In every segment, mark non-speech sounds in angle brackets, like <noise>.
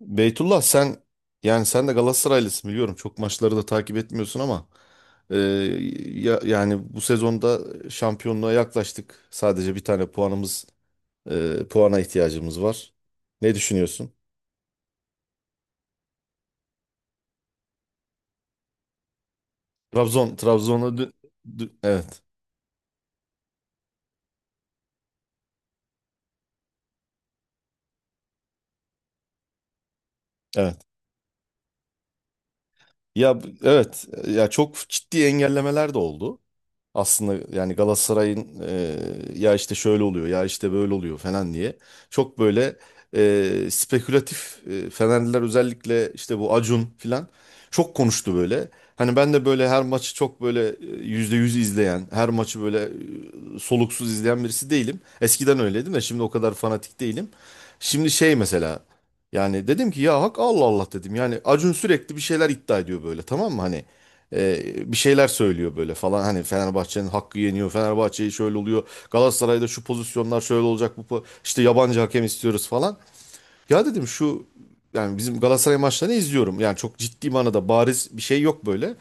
Beytullah, sen yani sen de Galatasaraylısın biliyorum. Çok maçları da takip etmiyorsun ama yani bu sezonda şampiyonluğa yaklaştık. Sadece bir tane puanımız, puana ihtiyacımız var. Ne düşünüyorsun? Trabzon Trabzon'a dü- dü- evet, evet. Evet. Ya çok ciddi engellemeler de oldu. Aslında yani Galatasaray'ın, ya işte şöyle oluyor ya işte böyle oluyor falan diye, çok böyle spekülatif, Fenerliler özellikle işte bu Acun falan çok konuştu böyle. Hani ben de böyle her maçı çok böyle, %100 izleyen, her maçı böyle soluksuz izleyen birisi değilim. Eskiden öyleydim de şimdi o kadar fanatik değilim. Şimdi şey, mesela yani dedim ki, ya hak, Allah Allah dedim. Yani Acun sürekli bir şeyler iddia ediyor böyle, tamam mı, hani? Bir şeyler söylüyor böyle falan, hani Fenerbahçe'nin hakkı yeniyor, Fenerbahçe'yi şöyle oluyor, Galatasaray'da şu pozisyonlar şöyle olacak, işte yabancı hakem istiyoruz falan. Ya dedim şu, yani bizim Galatasaray maçlarını izliyorum, yani çok ciddi manada bariz bir şey yok böyle.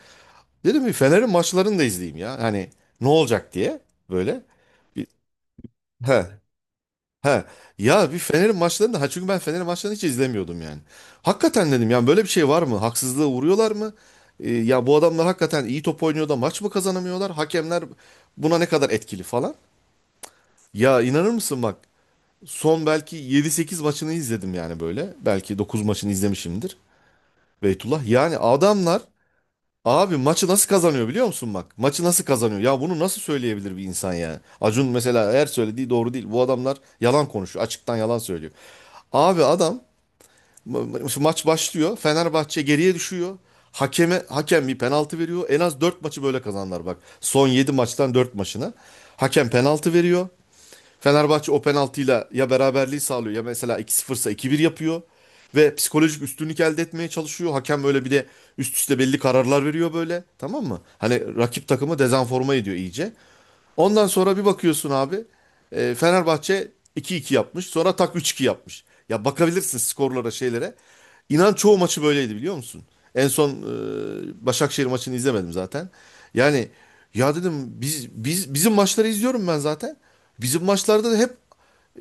Dedim bir Fener'in maçlarını da izleyeyim, ya hani ne olacak diye, böyle. Bir- he. He. Ya bir Fener'in maçlarını da, ha, çünkü ben Fener'in maçlarını hiç izlemiyordum yani. Hakikaten dedim, yani böyle bir şey var mı? Haksızlığa uğruyorlar mı? Ya bu adamlar hakikaten iyi top oynuyor da maç mı kazanamıyorlar? Hakemler buna ne kadar etkili falan? Ya inanır mısın bak, son belki yedi sekiz maçını izledim yani böyle. Belki 9 maçını izlemişimdir. Beytullah, yani adamlar... Abi, maçı nasıl kazanıyor biliyor musun bak? Maçı nasıl kazanıyor? Ya bunu nasıl söyleyebilir bir insan yani? Acun mesela, eğer söylediği doğru değil. Bu adamlar yalan konuşuyor. Açıktan yalan söylüyor. Abi adam, ma- maç başlıyor. Fenerbahçe geriye düşüyor. Hakem bir penaltı veriyor. En az 4 maçı böyle kazanlar bak. Son 7 maçtan 4 maçına. Hakem penaltı veriyor. Fenerbahçe o penaltıyla ya beraberliği sağlıyor, ya mesela 2-0 ise 2-1 yapıyor. Ve psikolojik üstünlük elde etmeye çalışıyor. Hakem böyle bir de üst üste belli kararlar veriyor böyle. Tamam mı? Hani rakip takımı dezenforma ediyor iyice. Ondan sonra bir bakıyorsun abi, Fenerbahçe 2-2 yapmış. Sonra tak, 3-2 yapmış. Ya bakabilirsin skorlara, şeylere. İnan çoğu maçı böyleydi biliyor musun? En son, Başakşehir maçını izlemedim zaten. Yani ya dedim, bizim maçları izliyorum ben zaten. Bizim maçlarda da hep,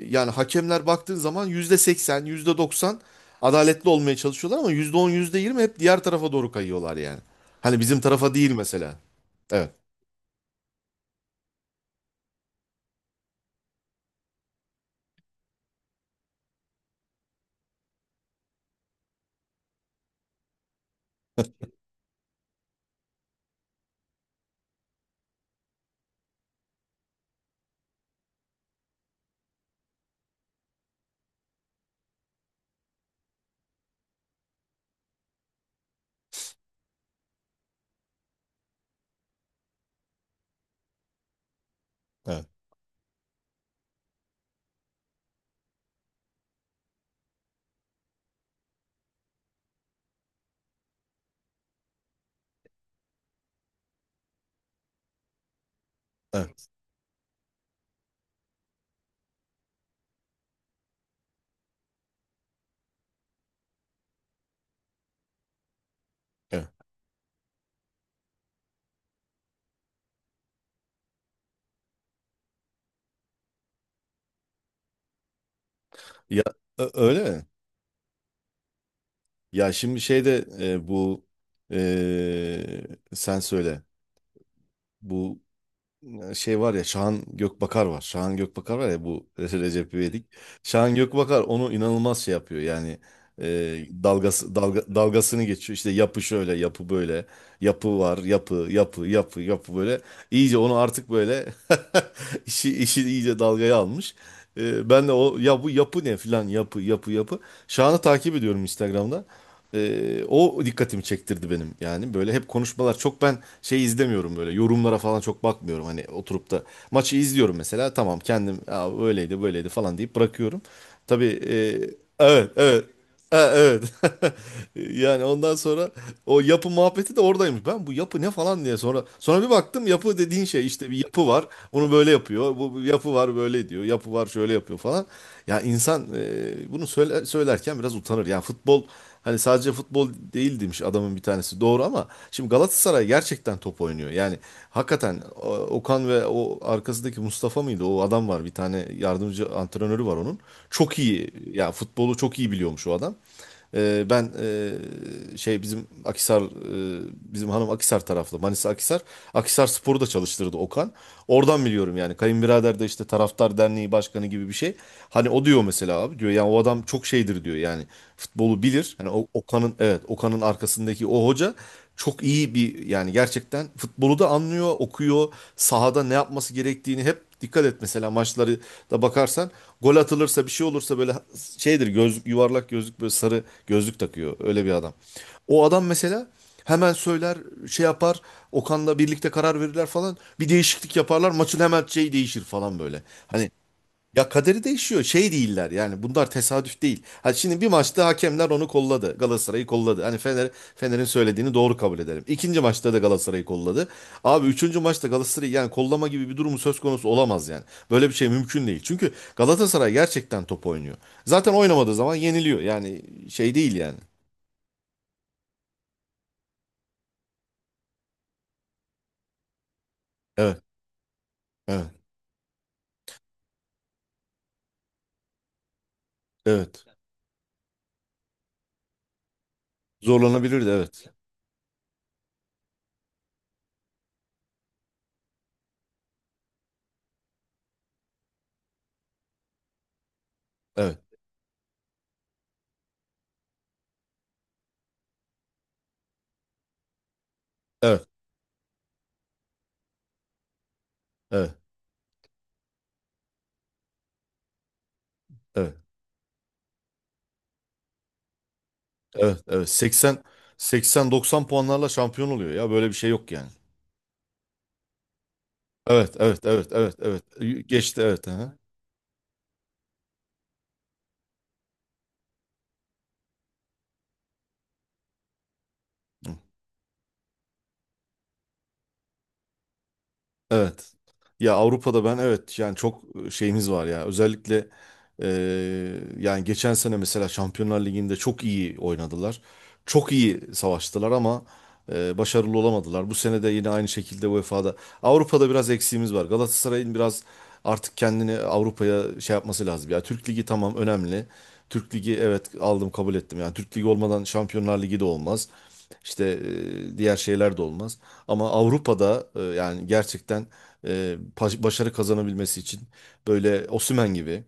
yani hakemler baktığın zaman %80 yüzde doksan adaletli olmaya çalışıyorlar, ama %10 yüzde yirmi hep diğer tarafa doğru kayıyorlar yani. Hani bizim tarafa değil mesela. Evet, evet, evet, evet. Ya öyle mi? Ya şimdi şeyde, bu, e, sen söyle. Bu... şey var ya, Şahan Gökbakar var. Şahan Gökbakar var ya bu <laughs> Recep İvedik. Şahan Gökbakar onu inanılmaz şey yapıyor yani, e, dalgasını geçiyor. İşte yapı şöyle, yapı böyle, yapı var, yapı, yapı, yapı, yapı böyle. İyice onu artık böyle <laughs> işi iyice dalgaya almış. Ben de o, ya bu yapı ne filan, yapı, yapı, yapı. Şahan'ı takip ediyorum Instagram'da. O dikkatimi çektirdi benim yani, böyle hep konuşmalar çok, ben şey izlemiyorum böyle, yorumlara falan çok bakmıyorum, hani oturup da maçı izliyorum mesela, tamam kendim "Aa, öyleydi böyleydi" falan deyip bırakıyorum, tabii. Evet, evet. Ha, evet. <laughs> Yani ondan sonra, o yapı muhabbeti de oradaymış, ben bu yapı ne falan diye sonra bir baktım, yapı dediğin şey işte bir yapı var, onu böyle yapıyor, bu yapı var böyle, diyor yapı var, şöyle yapıyor falan. Ya insan, bunu söylerken biraz utanır ya, futbol... Hani sadece futbol değil demiş adamın bir tanesi. Doğru, ama şimdi Galatasaray gerçekten top oynuyor. Yani hakikaten Okan ve o arkasındaki Mustafa mıydı? O adam var. Bir tane yardımcı antrenörü var onun. Çok iyi. Ya futbolu çok iyi biliyormuş o adam. Ben, şey bizim Akisar, bizim hanım Akisar taraflı, Manisa Akisar Spor'u da çalıştırdı Okan. Oradan biliyorum yani, kayınbirader de işte taraftar derneği başkanı gibi bir şey. Hani o diyor mesela, abi diyor. Yani o adam çok şeydir, diyor. Yani futbolu bilir. Hani o Okan'ın, evet, Okan'ın arkasındaki o hoca çok iyi bir, yani gerçekten futbolu da anlıyor, okuyor. Sahada ne yapması gerektiğini hep, dikkat et mesela maçları da bakarsan, gol atılırsa bir şey olursa böyle şeydir, gözlük, yuvarlak gözlük böyle, sarı gözlük takıyor, öyle bir adam. O adam mesela hemen söyler, şey yapar, Okan'la birlikte karar verirler falan, bir değişiklik yaparlar, maçın hemen şey değişir falan böyle. Hani ya, kaderi değişiyor. Şey değiller yani. Bunlar tesadüf değil. Ha şimdi bir maçta hakemler onu kolladı. Galatasaray'ı kolladı. Hani Fener'in söylediğini doğru kabul edelim. İkinci maçta da Galatasaray'ı kolladı. Abi, üçüncü maçta Galatasaray'ı yani, kollama gibi bir durumu söz konusu olamaz yani. Böyle bir şey mümkün değil. Çünkü Galatasaray gerçekten top oynuyor. Zaten oynamadığı zaman yeniliyor. Yani şey değil yani. Evet, evet, evet. Zorlanabilirdi, evet. Evet, evet, evet, evet, evet, evet. 80 80-90 puanlarla şampiyon oluyor ya. Böyle bir şey yok yani. Evet, evet, evet, evet, evet. Geçti, evet. Aha. Evet. Ya Avrupa'da ben, evet yani çok şeyimiz var ya. Özellikle yani geçen sene mesela Şampiyonlar Ligi'nde çok iyi oynadılar. Çok iyi savaştılar, ama başarılı olamadılar. Bu sene de yine aynı şekilde UEFA'da. Avrupa'da biraz eksiğimiz var. Galatasaray'ın biraz artık kendini Avrupa'ya şey yapması lazım. Ya, Türk Ligi tamam, önemli. Türk Ligi evet, aldım, kabul ettim. Yani Türk Ligi olmadan Şampiyonlar Ligi de olmaz. İşte, diğer şeyler de olmaz. Ama Avrupa'da, yani gerçekten, başarı kazanabilmesi için böyle Osimhen gibi,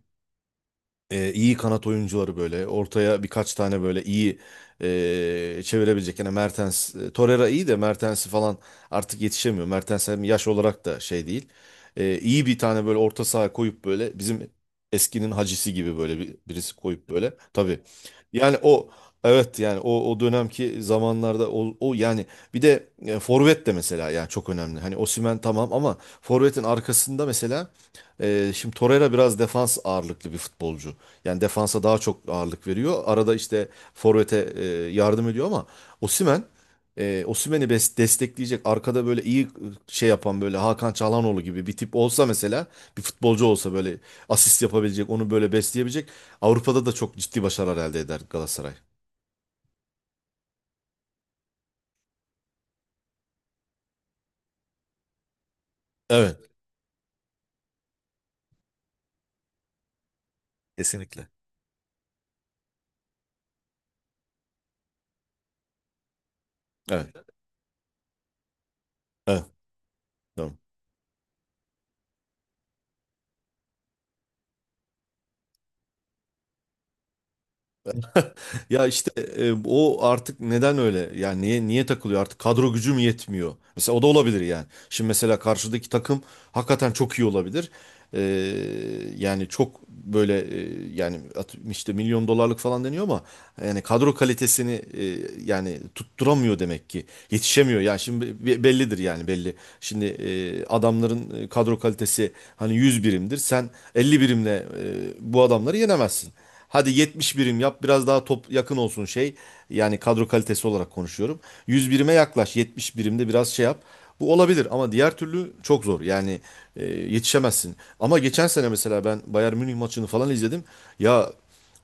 iyi kanat oyuncuları böyle ortaya birkaç tane böyle iyi, çevirebilecek. Yani Mertens, Torreira iyi de, Mertens'i falan artık yetişemiyor. Mertens hem yaş olarak da şey değil. İyi bir tane böyle orta saha koyup böyle, bizim eskinin hacisi gibi böyle birisi koyup böyle. Tabii. Yani o, evet yani, o dönemki zamanlarda o yani, bir de, forvet de mesela yani çok önemli. Hani Osimhen tamam ama forvetin arkasında mesela, şimdi Torreira biraz defans ağırlıklı bir futbolcu. Yani defansa daha çok ağırlık veriyor. Arada işte forvete, yardım ediyor, ama Osimhen, Osimhen'i destekleyecek arkada böyle iyi, şey yapan böyle Hakan Çalhanoğlu gibi bir tip olsa mesela, bir futbolcu olsa böyle, asist yapabilecek, onu böyle besleyebilecek, Avrupa'da da çok ciddi başarılar elde eder Galatasaray. Evet. Kesinlikle. Evet. Evet. Tamam. Ya işte, o artık neden öyle? Yani niye takılıyor artık? Kadro gücü mü yetmiyor? Mesela o da olabilir yani. Şimdi mesela karşıdaki takım hakikaten çok iyi olabilir. E, yani çok böyle, yani işte milyon dolarlık falan deniyor ama, yani kadro kalitesini, yani tutturamıyor demek ki. Yetişemiyor. Yani şimdi bellidir yani, belli. Şimdi, adamların, kadro kalitesi hani 100 birimdir. Sen 50 birimle, bu adamları yenemezsin. Hadi 70 birim yap, biraz daha top yakın olsun şey. Yani kadro kalitesi olarak konuşuyorum. 100 birime yaklaş, 70 birimde biraz şey yap. Bu olabilir, ama diğer türlü çok zor. Yani, yetişemezsin. Ama geçen sene mesela ben Bayern Münih maçını falan izledim. Ya,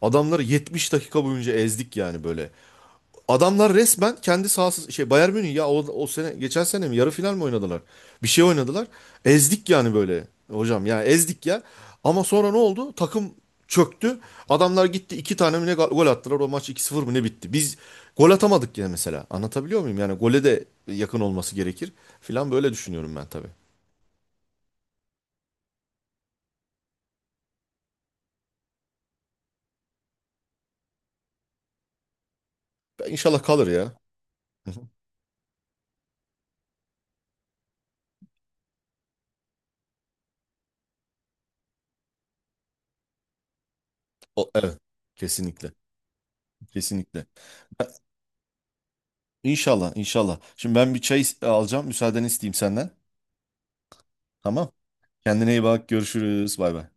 adamları 70 dakika boyunca ezdik yani böyle. Adamlar resmen kendi sahası, şey, Bayern Münih, ya o sene, geçen sene mi yarı final mi oynadılar? Bir şey oynadılar. Ezdik yani böyle hocam, ya ezdik ya. Ama sonra ne oldu? Takım çöktü. Adamlar gitti, iki tane mi ne gol attılar. O maç 2-0 mı ne bitti. Biz gol atamadık yine mesela. Anlatabiliyor muyum? Yani gole de yakın olması gerekir filan böyle düşünüyorum ben, tabii. Ben İnşallah kalır ya. Hı hı. O, evet. Kesinlikle. Kesinlikle. İnşallah, inşallah. Şimdi ben bir çay alacağım. Müsaadeni isteyeyim senden. Tamam. Kendine iyi bak. Görüşürüz. Bay bay.